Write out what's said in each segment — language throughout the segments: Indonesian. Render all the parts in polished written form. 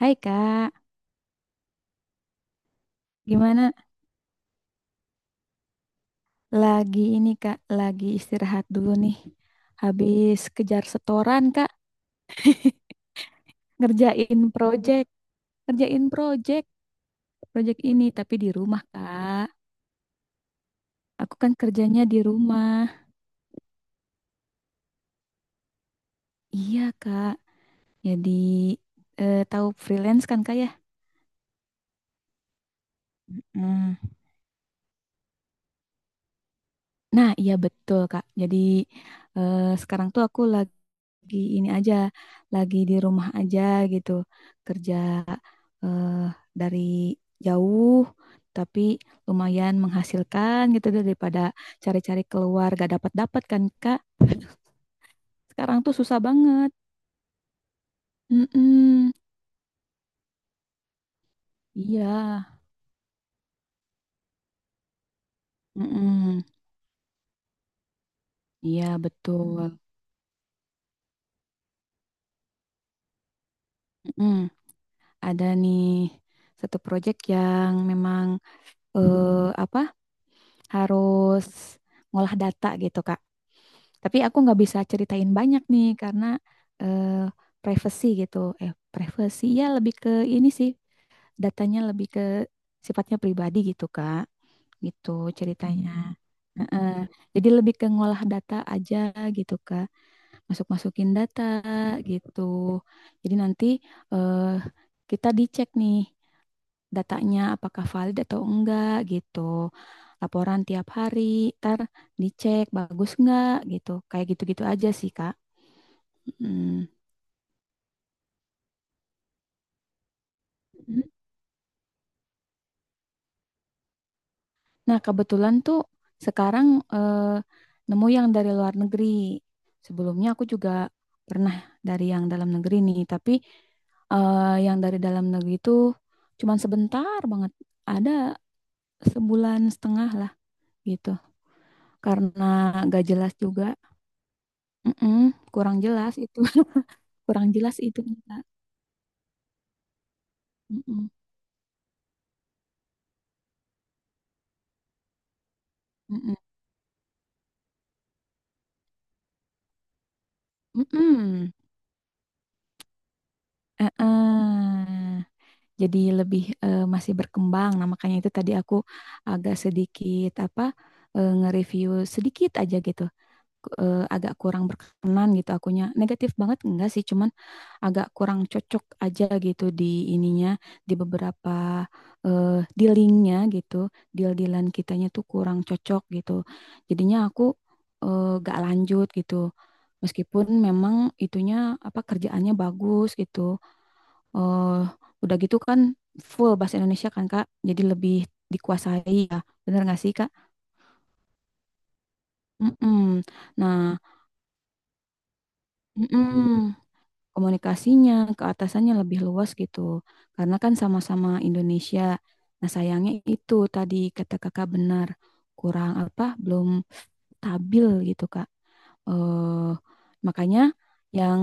Hai Kak, gimana? Lagi ini Kak, lagi istirahat dulu nih. Habis kejar setoran Kak, ngerjain project, ngerjain project, project ini tapi di rumah Kak. Aku kan kerjanya di rumah. Iya Kak, jadi tahu freelance kan Kak ya? Hmm. Nah, iya betul Kak. Jadi sekarang tuh aku lagi ini aja, lagi di rumah aja gitu, kerja eh, dari jauh, tapi lumayan menghasilkan gitu daripada cari-cari keluar gak dapat-dapat kan Kak. Sekarang tuh susah banget. Mm-mm. Iya. Mm-mm. Iya betul. Mm-mm. Ada nih satu proyek yang memang eh, apa harus ngolah data gitu Kak. Tapi aku nggak bisa ceritain banyak nih karena eh, privacy gitu. Eh, privacy ya lebih ke ini sih, datanya lebih ke sifatnya pribadi gitu, Kak. Gitu ceritanya. Hmm. Heeh. Jadi lebih ke ngolah data aja gitu, Kak. Masuk-masukin data gitu. Jadi nanti eh, kita dicek nih datanya apakah valid atau enggak gitu. Laporan tiap hari, ntar dicek bagus enggak gitu. Kayak gitu-gitu aja sih, Kak. Mm. Nah, kebetulan tuh sekarang eh, nemu yang dari luar negeri. Sebelumnya aku juga pernah dari yang dalam negeri nih, tapi eh, yang dari dalam negeri itu cuman sebentar banget. Ada sebulan setengah lah gitu. Karena gak jelas juga. Mm-mm, kurang jelas itu. Kurang jelas itu Kak. Mm-mm, mm-mm, mm-mm. Eh-eh. Jadi lebih masih berkembang. Nah, makanya itu tadi aku agak sedikit apa nge-review sedikit aja gitu. Agak kurang berkenan gitu akunya. Negatif banget enggak sih, cuman agak kurang cocok aja gitu di ininya di beberapa eh, dealingnya gitu deal-dealan kitanya tuh kurang cocok gitu jadinya aku gak lanjut gitu meskipun memang itunya apa kerjaannya bagus gitu eh udah gitu kan full bahasa Indonesia kan Kak jadi lebih dikuasai ya, bener gak sih Kak? Mm-mm. Nah mm komunikasinya ke atasannya lebih luas gitu. Karena kan sama-sama Indonesia. Nah, sayangnya itu tadi kata kakak benar kurang apa belum stabil gitu Kak. Eh Makanya yang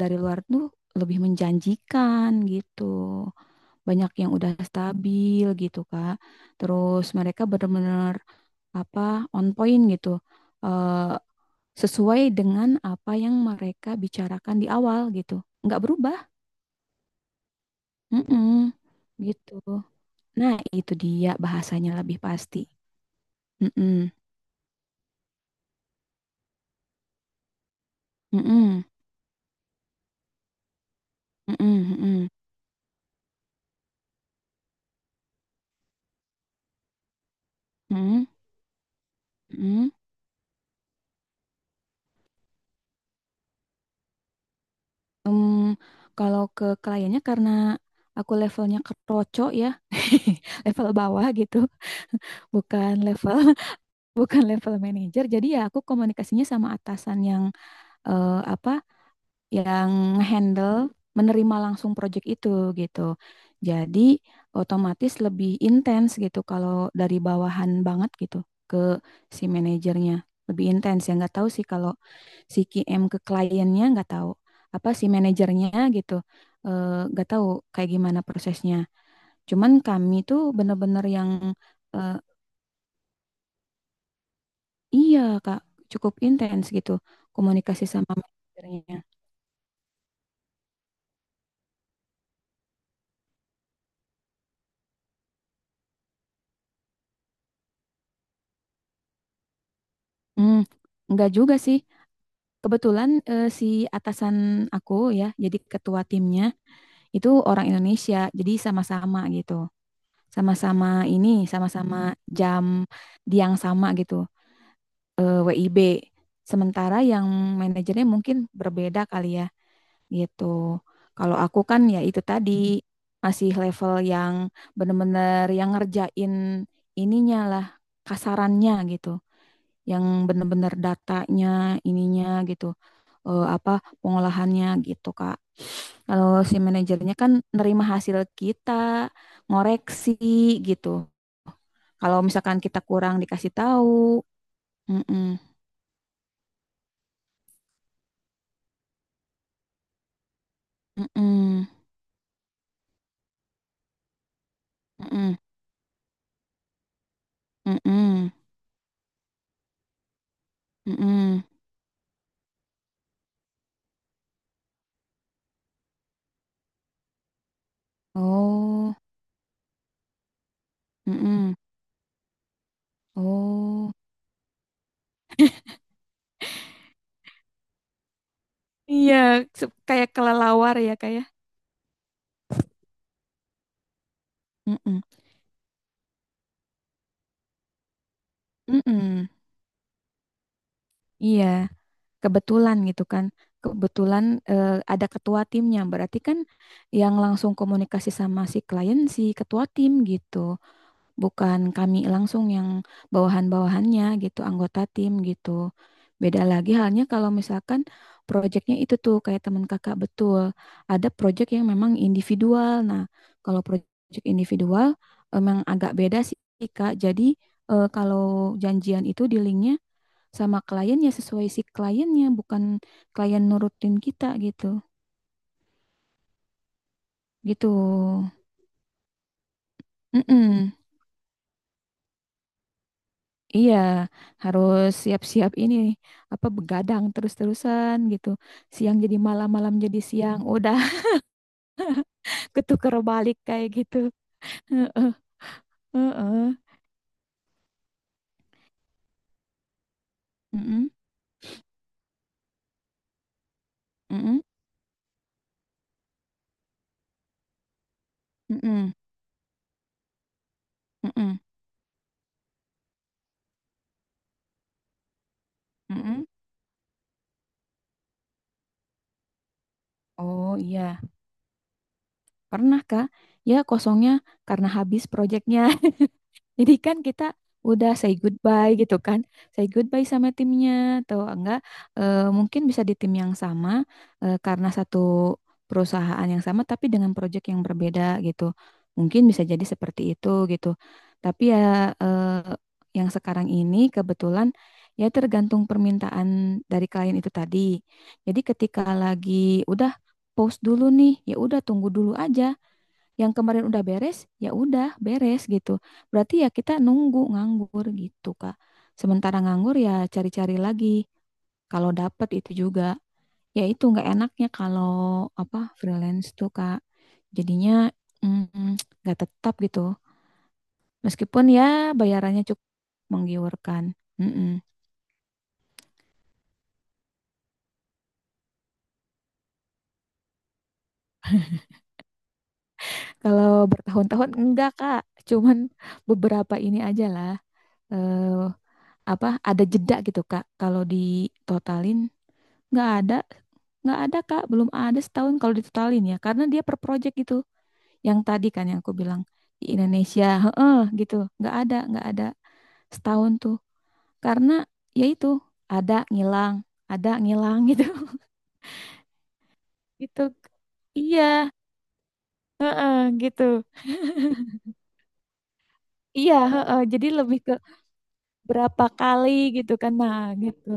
dari luar tuh lebih menjanjikan gitu. Banyak yang udah stabil gitu Kak. Terus mereka benar-benar apa on point gitu. Eh Sesuai dengan apa yang mereka bicarakan di awal gitu. Nggak berubah. Mm-mm, gitu. Nah, itu dia bahasanya lebih pasti. Mm-mm, mm-mm, mm-mm, mm-mm, mm-mm, mm-mm. Em, Kalau ke kliennya karena aku levelnya keroco ya, level bawah gitu, bukan level bukan level manager. Jadi ya aku komunikasinya sama atasan yang eh, apa yang handle menerima langsung project itu gitu. Jadi otomatis lebih intens gitu kalau dari bawahan banget gitu ke si manajernya. Lebih intens ya nggak tahu sih kalau si QM ke kliennya nggak tahu apa si manajernya gitu, nggak tahu kayak gimana prosesnya. Cuman kami tuh bener-bener yang eh, iya Kak cukup intens gitu komunikasi sama manajernya. Hmm, nggak juga sih. Kebetulan si atasan aku ya, jadi ketua timnya itu orang Indonesia, jadi sama-sama gitu, sama-sama sama-sama jam di yang sama gitu, eh, WIB. Sementara yang manajernya mungkin berbeda kali ya, gitu. Kalau aku kan ya itu tadi masih level yang bener-bener yang ngerjain ininya lah, kasarannya gitu yang benar-benar datanya ininya gitu eh, apa pengolahannya gitu Kak. Kalau si manajernya kan nerima hasil kita, ngoreksi gitu. Kalau misalkan kita kurang dikasih tahu, mm-mm, mm-mm, mm-mm, mm-mm, mm-mm. Oh, mm-mm, oh, iya, se- kayak kelelawar ya kayak, mm-mm, mm-mm, iya. Kebetulan gitu kan, kebetulan ada ketua timnya berarti kan yang langsung komunikasi sama si klien si ketua tim gitu, bukan kami langsung yang bawahan-bawahannya gitu anggota tim gitu. Beda lagi halnya kalau misalkan proyeknya itu tuh kayak teman kakak betul ada proyek yang memang individual. Nah, kalau proyek individual memang agak beda sih Kak, jadi kalau janjian itu di linknya sama kliennya sesuai si kliennya, bukan klien nurutin kita gitu. Gitu. Mm-mm. Iya, harus siap-siap ini apa begadang terus-terusan gitu. Siang jadi malam, malam jadi siang. Udah ketuker balik kayak gitu. Heeh, heeh. Mm-mm, mm-mm, mm-mm, mm-mm, mm-mm. Oh iya, pernah Kak. Ya kosongnya karena habis proyeknya. Jadi kan kita udah say goodbye gitu kan. Say goodbye sama timnya atau enggak mungkin bisa di tim yang sama karena satu perusahaan yang sama tapi dengan project yang berbeda gitu. Mungkin bisa jadi seperti itu gitu. Tapi ya eh, yang sekarang ini kebetulan ya tergantung permintaan dari klien itu tadi. Jadi ketika lagi udah post dulu nih, ya udah tunggu dulu aja, yang kemarin udah beres, ya udah beres gitu. Berarti ya kita nunggu nganggur gitu, Kak. Sementara nganggur ya cari-cari lagi. Kalau dapet itu juga, ya itu nggak enaknya kalau apa freelance tuh, Kak. Jadinya mm, nggak tetap gitu. Meskipun ya bayarannya cukup menggiurkan. Mm-mm. Kalau bertahun-tahun enggak, Kak. Cuman beberapa ini aja lah. Eh, Apa ada jeda gitu Kak kalau ditotalin, nggak ada nggak ada kak, belum ada setahun kalau ditotalin ya, karena dia per project gitu yang tadi kan yang aku bilang di Indonesia heeh gitu, nggak ada setahun tuh karena ya itu ada ngilang ada ngilang gitu. Gitu, iya. Gitu iya, heeh, jadi lebih ke berapa kali gitu kan, nah gitu.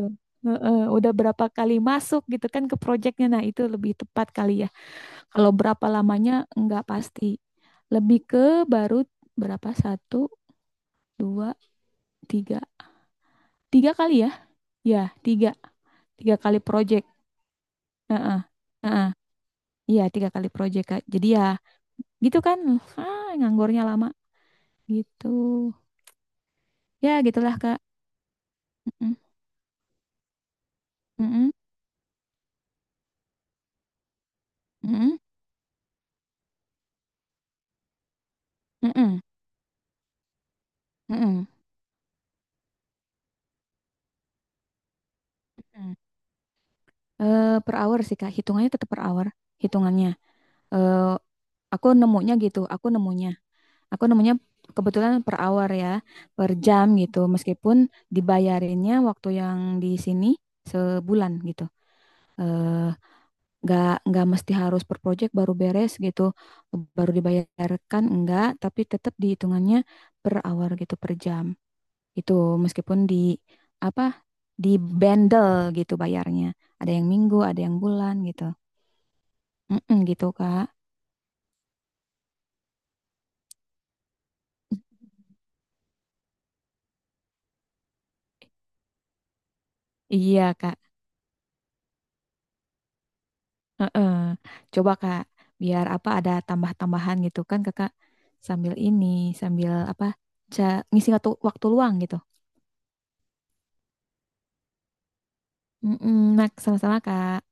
Heeh, udah berapa kali masuk gitu kan ke projectnya, nah itu lebih tepat kali ya. Kalau berapa lamanya nggak pasti. Lebih ke baru berapa? Satu, dua, tiga. Tiga kali ya? Ya, tiga. Tiga kali project. Heeh. Heeh. Iya, tiga kali project, Kak. Jadi ya gitu kan. Ah, nganggurnya lama. Gitu. Ya, gitulah, Kak. Mm-mm. Mm-mm. Mm-mm. Mm-mm. Mm-mm. Mm-mm. Eh, per hour sih, Kak. Hitungannya tetap per hour. Hitungannya. Eh, aku nemunya gitu. Aku nemunya. Aku nemunya kebetulan per hour ya, per jam gitu. Meskipun dibayarinnya waktu yang di sini sebulan gitu. Eh, nggak mesti harus per project baru beres gitu, baru dibayarkan enggak, tapi tetap dihitungannya per hour gitu, per jam. Itu meskipun di apa di bundle gitu bayarnya. Ada yang minggu, ada yang bulan gitu. Mm-mm, gitu, Kak. Iya, Kak. Heeh. Coba Kak, biar apa ada tambah-tambahan gitu kan Kakak sambil ini, sambil apa, ngisi waktu, waktu luang gitu. Mm-mm, nah, sama-sama Kak.